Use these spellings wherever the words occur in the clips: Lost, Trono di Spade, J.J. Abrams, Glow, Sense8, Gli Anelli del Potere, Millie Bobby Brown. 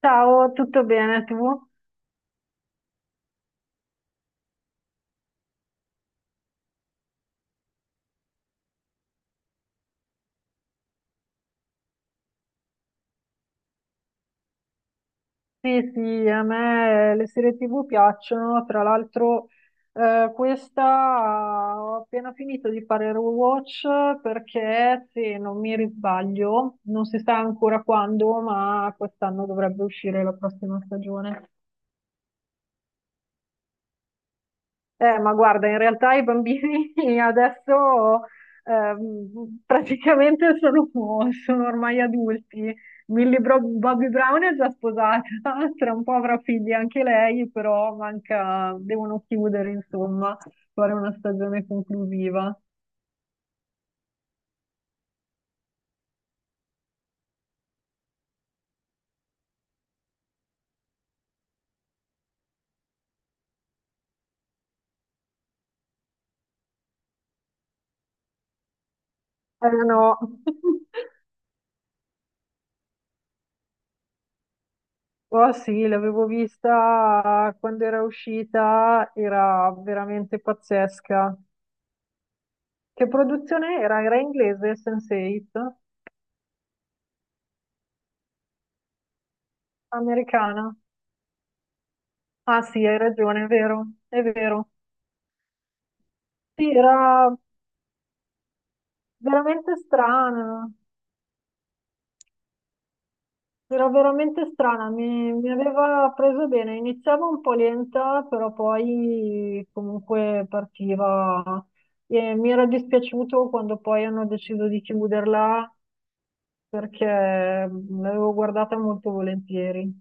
Ciao, tutto bene tu? Sì, sì, a me le serie TV piacciono, tra l'altro questa ho appena finito di fare il rewatch perché se non mi risbaglio, non si sa ancora quando, ma quest'anno dovrebbe uscire la prossima stagione. Ma guarda, in realtà i bambini adesso praticamente sono ormai adulti. Bobby Brown è già sposata, tra un po' avrà figli anche lei, però manca, devono chiudere, insomma, fare una stagione conclusiva. Eh no, oh sì, l'avevo vista quando era uscita, era veramente pazzesca. Che produzione era? Era inglese, Sense8? Americana. Ah sì, hai ragione, è vero, è vero. Sì, veramente strana, era veramente strana, mi aveva preso bene, iniziava un po' lenta, però poi comunque partiva. E mi era dispiaciuto quando poi hanno deciso di chiuderla perché l'avevo guardata molto volentieri.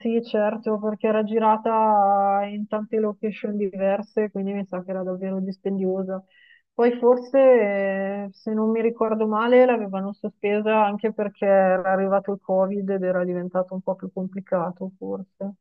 Sì, certo, perché era girata in tante location diverse, quindi mi sa che era davvero dispendiosa. Poi forse, se non mi ricordo male, l'avevano sospesa anche perché era arrivato il Covid ed era diventato un po' più complicato, forse.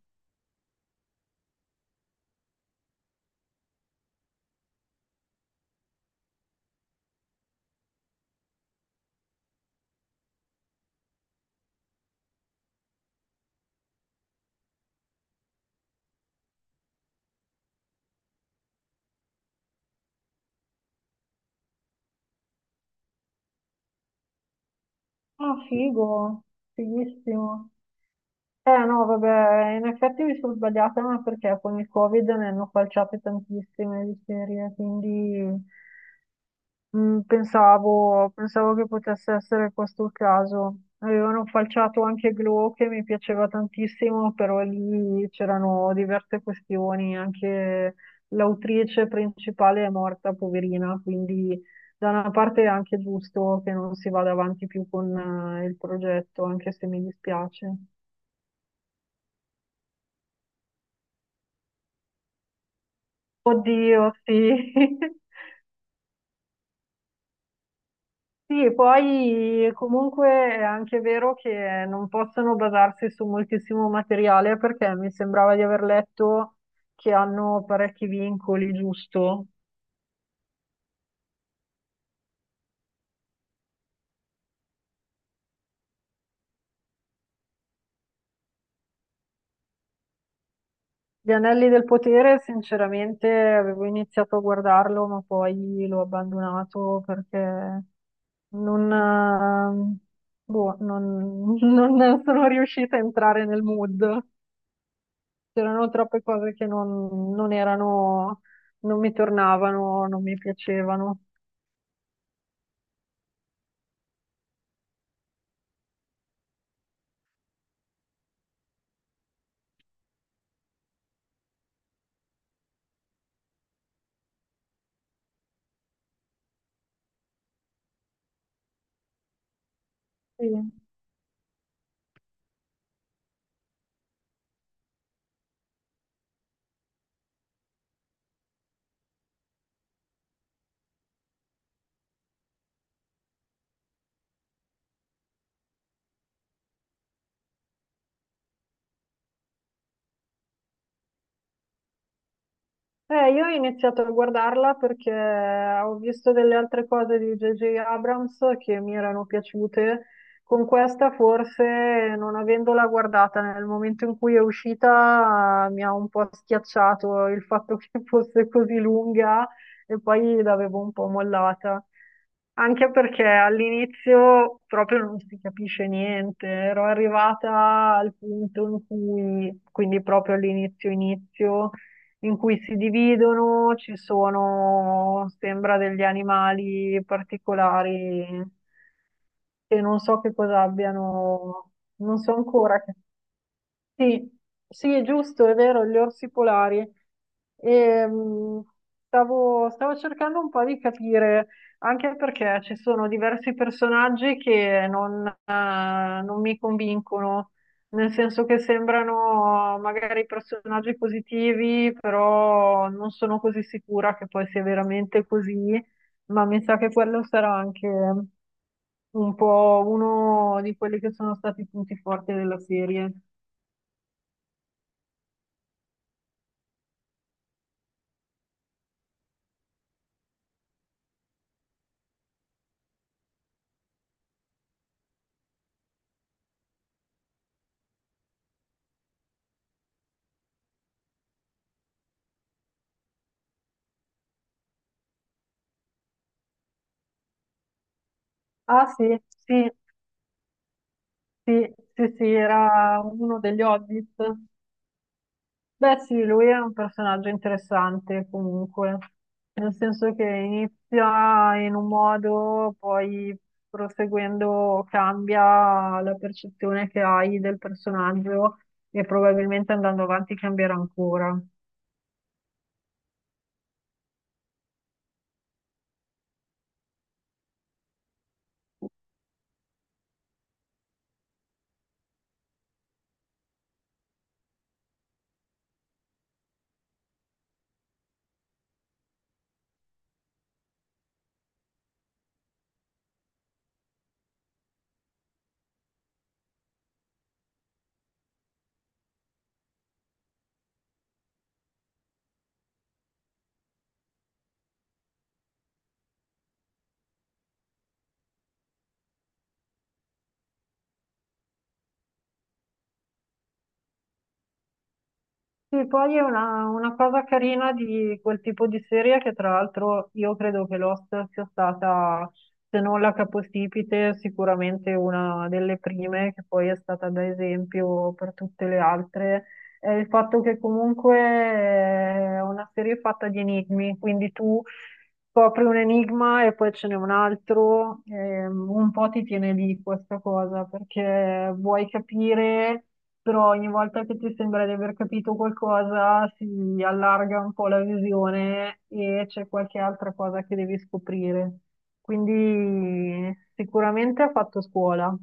Ah, figo, fighissimo. Eh no, vabbè, in effetti mi sono sbagliata, ma perché con il Covid ne hanno falciate tantissime di serie, quindi... Mm, pensavo che potesse essere questo il caso. Avevano falciato anche Glow che mi piaceva tantissimo, però lì c'erano diverse questioni. Anche l'autrice principale è morta, poverina, quindi da una parte è anche giusto che non si vada avanti più con il progetto, anche se mi dispiace. Oddio, sì. Sì, e poi comunque è anche vero che non possono basarsi su moltissimo materiale perché mi sembrava di aver letto che hanno parecchi vincoli, giusto? Gli Anelli del Potere, sinceramente, avevo iniziato a guardarlo, ma poi l'ho abbandonato perché non, boh, non non sono riuscita a entrare nel mood. C'erano troppe cose che non erano, non mi tornavano, non mi piacevano. Sì. Io ho iniziato a guardarla perché ho visto delle altre cose di J.J. Abrams che mi erano piaciute. Con questa forse, non avendola guardata nel momento in cui è uscita, mi ha un po' schiacciato il fatto che fosse così lunga e poi l'avevo un po' mollata. Anche perché all'inizio proprio non si capisce niente, ero arrivata al punto in cui, quindi proprio all'inizio inizio, in cui si dividono, ci sono, sembra, degli animali particolari che non so che cosa abbiano, non so ancora che sì, sì, è giusto, è vero, gli orsi polari. Ehm, stavo cercando un po' di capire, anche perché ci sono diversi personaggi che non mi convincono, nel senso che sembrano magari personaggi positivi, però non sono così sicura che poi sia veramente così, ma mi sa che quello sarà anche un po' uno di quelli che sono stati i punti forti della serie. Ah sì, sì, sì, era uno degli Hobbit. Beh sì, lui è un personaggio interessante comunque, nel senso che inizia in un modo, poi proseguendo cambia la percezione che hai del personaggio e probabilmente andando avanti cambierà ancora. Sì, poi è una cosa carina di quel tipo di serie che tra l'altro io credo che Lost sia stata, se non la capostipite, sicuramente una delle prime che poi è stata da esempio per tutte le altre, è il fatto che comunque è una serie fatta di enigmi, quindi tu scopri un enigma e poi ce n'è un altro, un po' ti tiene lì questa cosa perché vuoi capire però ogni volta che ti sembra di aver capito qualcosa si allarga un po' la visione e c'è qualche altra cosa che devi scoprire. Quindi sicuramente ha fatto scuola.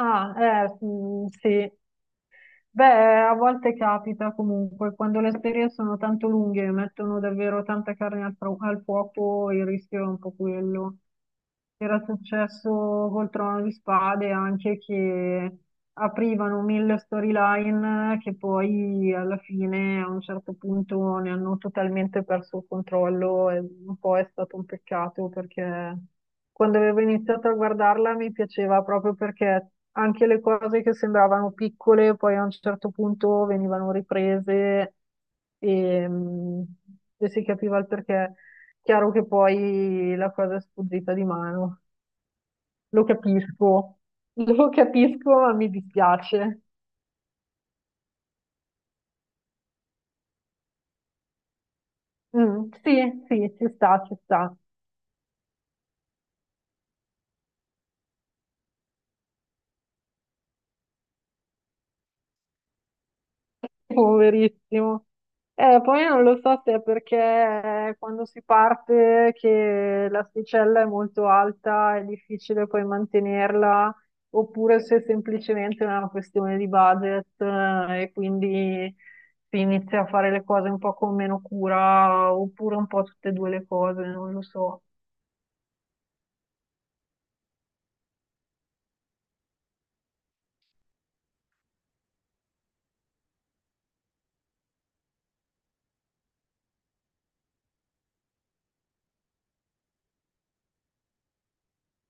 Ah, sì. Beh, a volte capita comunque, quando le serie sono tanto lunghe e mettono davvero tanta carne al fuoco, il rischio è un po' quello. Era successo col Trono di Spade anche che aprivano mille storyline che poi alla fine a un certo punto ne hanno totalmente perso il controllo e un po' è stato un peccato perché quando avevo iniziato a guardarla mi piaceva proprio perché anche le cose che sembravano piccole poi a un certo punto venivano riprese e, mm, e si capiva il perché. Chiaro che poi la cosa è sfuggita di mano. Lo capisco, lo capisco, ma mi dispiace. Mm, sì, sì, ci sta, ci sta. Poverissimo. Poi non lo so se è perché quando si parte che l'asticella è molto alta, è difficile poi mantenerla, oppure se è semplicemente una questione di budget, e quindi si inizia a fare le cose un po' con meno cura, oppure un po' tutte e due le cose, non lo so.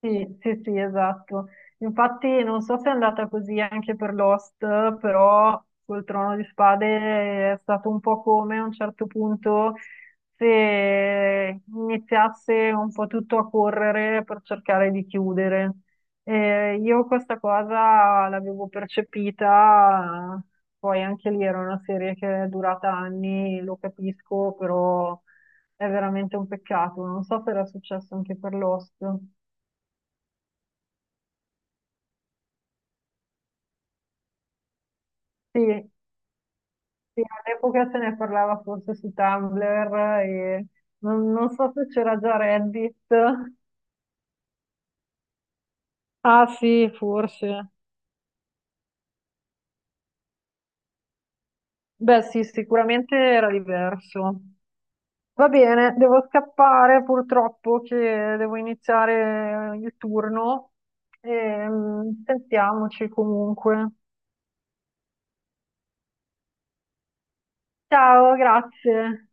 Sì, sì, sì, esatto. Infatti non so se è andata così anche per Lost, però col Trono di Spade è stato un po' come a un certo punto se iniziasse un po' tutto a correre per cercare di chiudere. Io questa cosa l'avevo percepita, poi anche lì era una serie che è durata anni, lo capisco, però è veramente un peccato. Non so se era successo anche per Lost. Sì, sì, all'epoca se ne parlava forse su Tumblr e non so se c'era già Reddit. Ah sì, forse. Beh sì, sicuramente era diverso. Va bene, devo scappare purtroppo che devo iniziare il turno. Sentiamoci comunque. Ciao, grazie.